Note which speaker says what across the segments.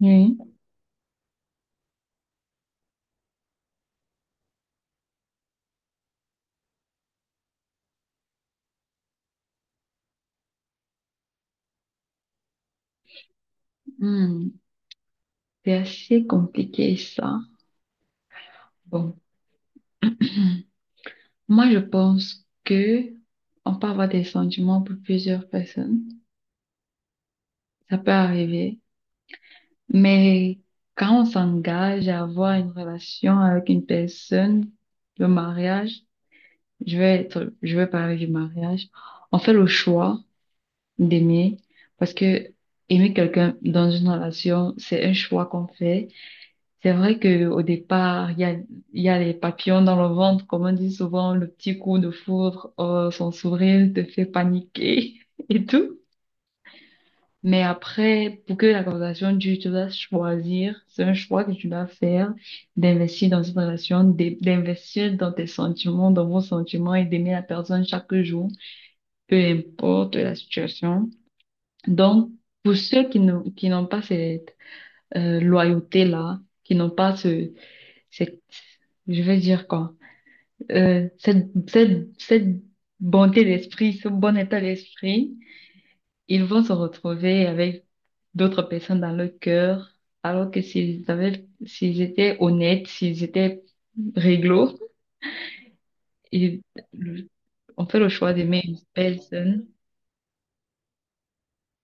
Speaker 1: Oui. Hmm, c'est assez compliqué ça. Bon, moi je pense que on peut avoir des sentiments pour plusieurs personnes. Ça peut arriver. Mais quand on s'engage à avoir une relation avec une personne, le mariage, je vais parler du mariage. On fait le choix d'aimer, parce que aimer quelqu'un dans une relation, c'est un choix qu'on fait. C'est vrai que au départ, il y a les papillons dans le ventre, comme on dit souvent, le petit coup de foudre, son sourire te fait paniquer et tout. Mais après, pour que la conversation dure, tu dois choisir, c'est un choix que tu dois faire d'investir dans cette relation, d'investir dans tes sentiments, dans vos sentiments, et d'aimer la personne chaque jour, peu importe la situation. Donc, pour ceux qui n'ont pas cette loyauté-là, qui n'ont pas ce cette, je vais dire quoi, cette, cette, cette bonté d'esprit, ce bon état d'esprit, ils vont se retrouver avec d'autres personnes dans leur cœur, alors que s'ils avaient, s'ils étaient honnêtes, s'ils étaient réglo, ils, le- on fait le choix d'aimer une personne.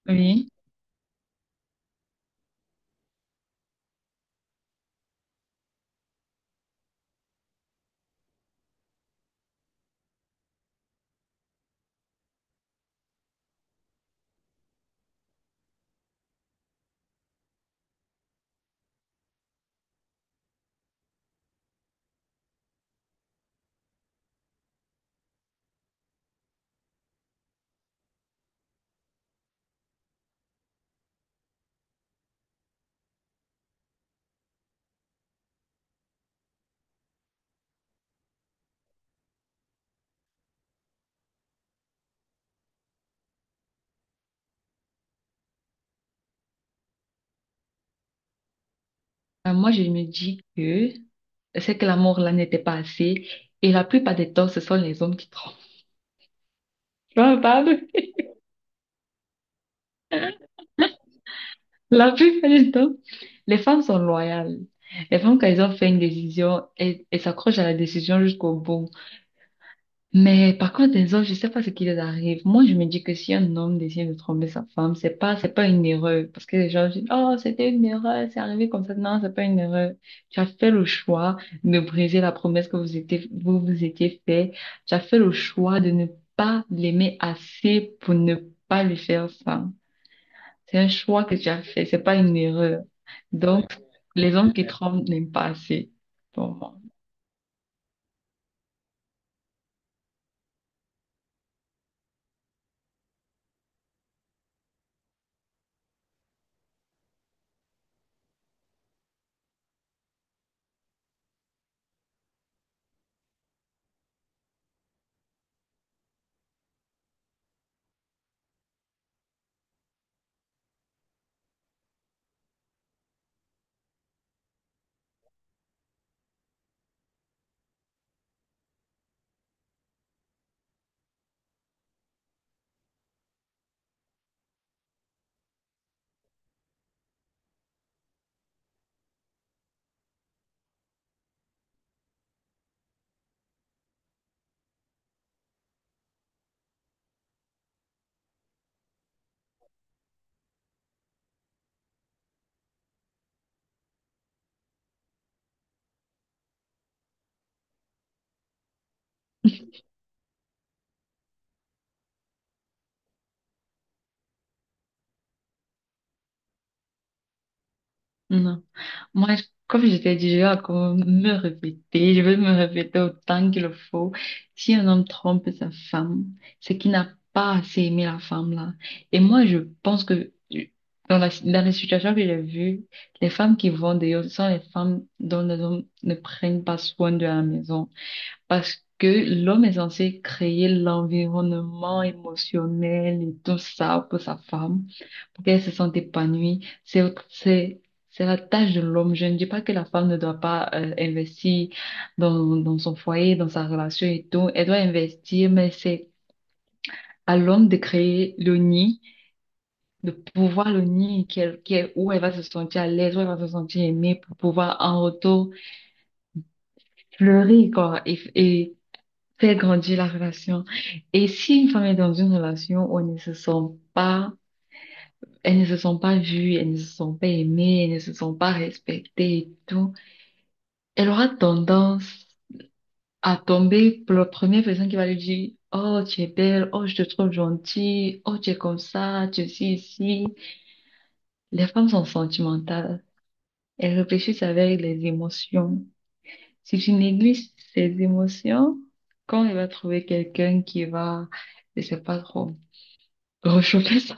Speaker 1: Oui. Moi, je me dis que c'est que l'amour là n'était pas assez, et la plupart des temps, ce sont les hommes qui trompent. Tu vois, on parle. La plupart du temps, les femmes sont loyales. Les femmes, quand elles ont fait une décision, elles s'accrochent à la décision jusqu'au bout. Mais par contre, les hommes, je sais pas ce qui les arrive. Moi, je me dis que si un homme décide de tromper sa femme, c'est pas une erreur. Parce que les gens disent, oh, c'était une erreur, c'est arrivé comme ça. Non, c'est pas une erreur. Tu as fait le choix de briser la promesse que vous vous étiez fait. Tu as fait le choix de ne pas l'aimer assez pour ne pas lui faire ça. C'est un choix que tu as fait, c'est pas une erreur. Donc, les hommes qui trompent n'aiment pas assez. Pour moi. Non. Comme je t'ai dit, je vais encore me répéter, je vais me répéter autant qu'il le faut. Si un homme trompe sa femme, c'est qu'il n'a pas assez aimé la femme là. Et moi, je pense que dans les situations que j'ai vues, les femmes qui vont dehors, ce sont les femmes dont les hommes ne prennent pas soin de la maison. Parce que l'homme est censé créer l'environnement émotionnel et tout ça pour sa femme, pour qu'elle se sente épanouie. C'est, c'est la tâche de l'homme. Je ne dis pas que la femme ne doit pas investir dans son foyer, dans sa relation et tout. Elle doit investir, mais c'est à l'homme de créer le nid, de pouvoir le nid où elle va se sentir à l'aise, où elle va se sentir aimée pour pouvoir en retour fleurir, quoi, et fait grandir la relation. Et si une femme est dans une relation où elle ne se sent pas vue, elle ne se sent pas aimée, elle ne se sent pas respectée et tout, elle aura tendance à tomber pour la première personne qui va lui dire, oh, tu es belle, oh, je te trouve gentille, oh, tu es comme ça, tu es ci, ici. Les femmes sont sentimentales. Elles réfléchissent avec les émotions. Si tu négliges ces émotions, quand elle va trouver quelqu'un qui va, je sais pas trop. Réchauffer ça?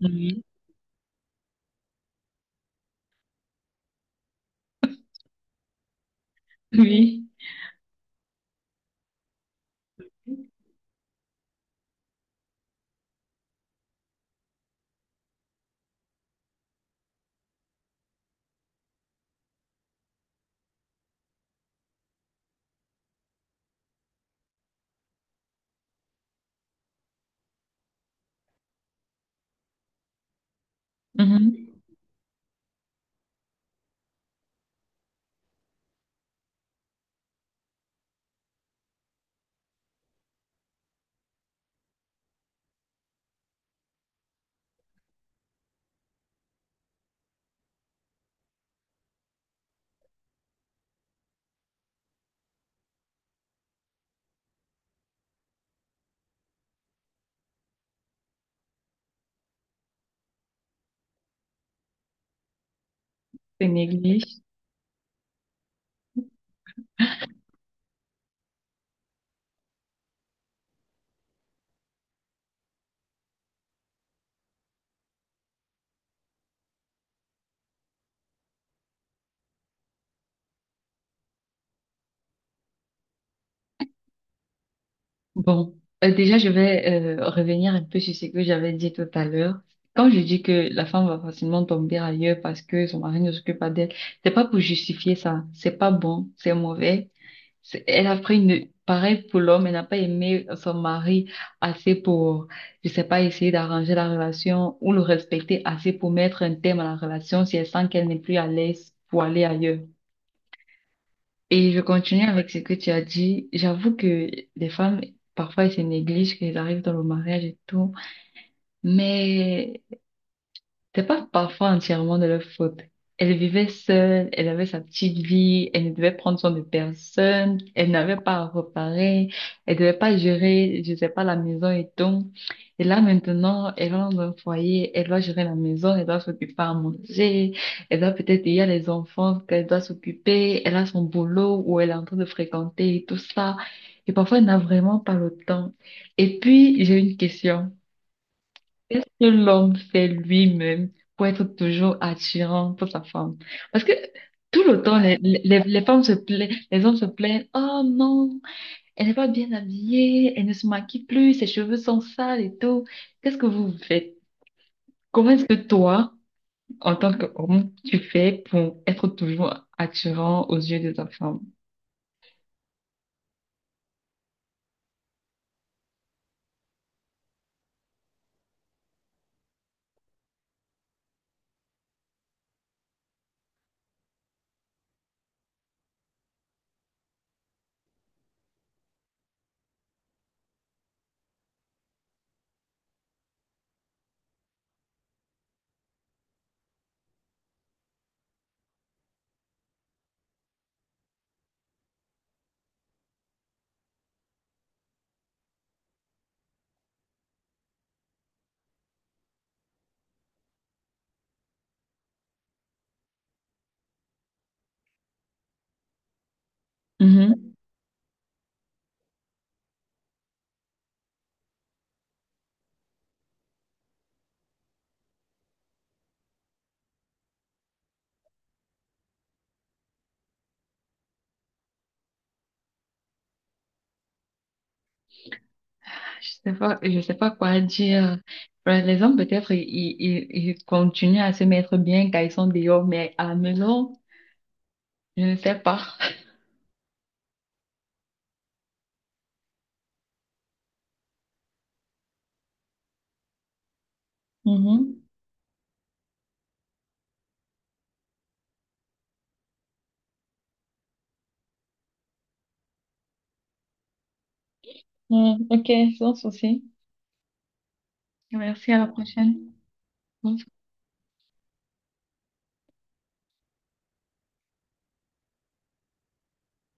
Speaker 1: Oui. Oui. Mhm. C'est négligé. Bon, déjà, je vais revenir un peu sur ce que j'avais dit tout à l'heure. Quand je dis que la femme va facilement tomber ailleurs parce que son mari ne s'occupe pas d'elle, c'est pas pour justifier ça. C'est pas bon, c'est mauvais. C'est- elle a pris une... Pareil pour l'homme, elle n'a pas aimé son mari assez pour, je sais pas, essayer d'arranger la relation ou le respecter assez pour mettre un terme à la relation si elle sent qu'elle n'est plus à l'aise pour aller ailleurs. Et je continue avec ce que tu as dit. J'avoue que les femmes, parfois, elles se négligent, qu'elles arrivent dans le mariage et tout. Mais c'était pas parfois entièrement de leur faute. Elle vivait seule, elle avait sa petite vie, elle ne devait prendre soin de personne, elle n'avait pas à reparer, elle devait pas gérer, je sais pas, la maison et tout. Et là, maintenant, elle rentre dans un foyer, elle doit gérer la maison, elle doit s'occuper à manger, il y a les enfants qu'elle doit s'occuper, elle a son boulot où elle est en train de fréquenter et tout ça. Et parfois, elle n'a vraiment pas le temps. Et puis, j'ai une question. Qu'est-ce que l'homme fait lui-même pour être toujours attirant pour sa femme? Parce que tout le temps, les femmes se plaignent, les hommes se plaignent, oh non, elle n'est pas bien habillée, elle ne se maquille plus, ses cheveux sont sales et tout. Qu'est-ce que vous faites? Comment est-ce que toi, en tant qu'homme, tu fais pour être toujours attirant aux yeux de ta femme? Mhm. Je sais pas quoi dire. Par Les hommes, peut-être, ils continuent à se mettre bien quand ils sont dehors, mais à la maison, je ne sais pas. Mhm. Ouais, ok, sans souci. Merci, à la prochaine. Bonne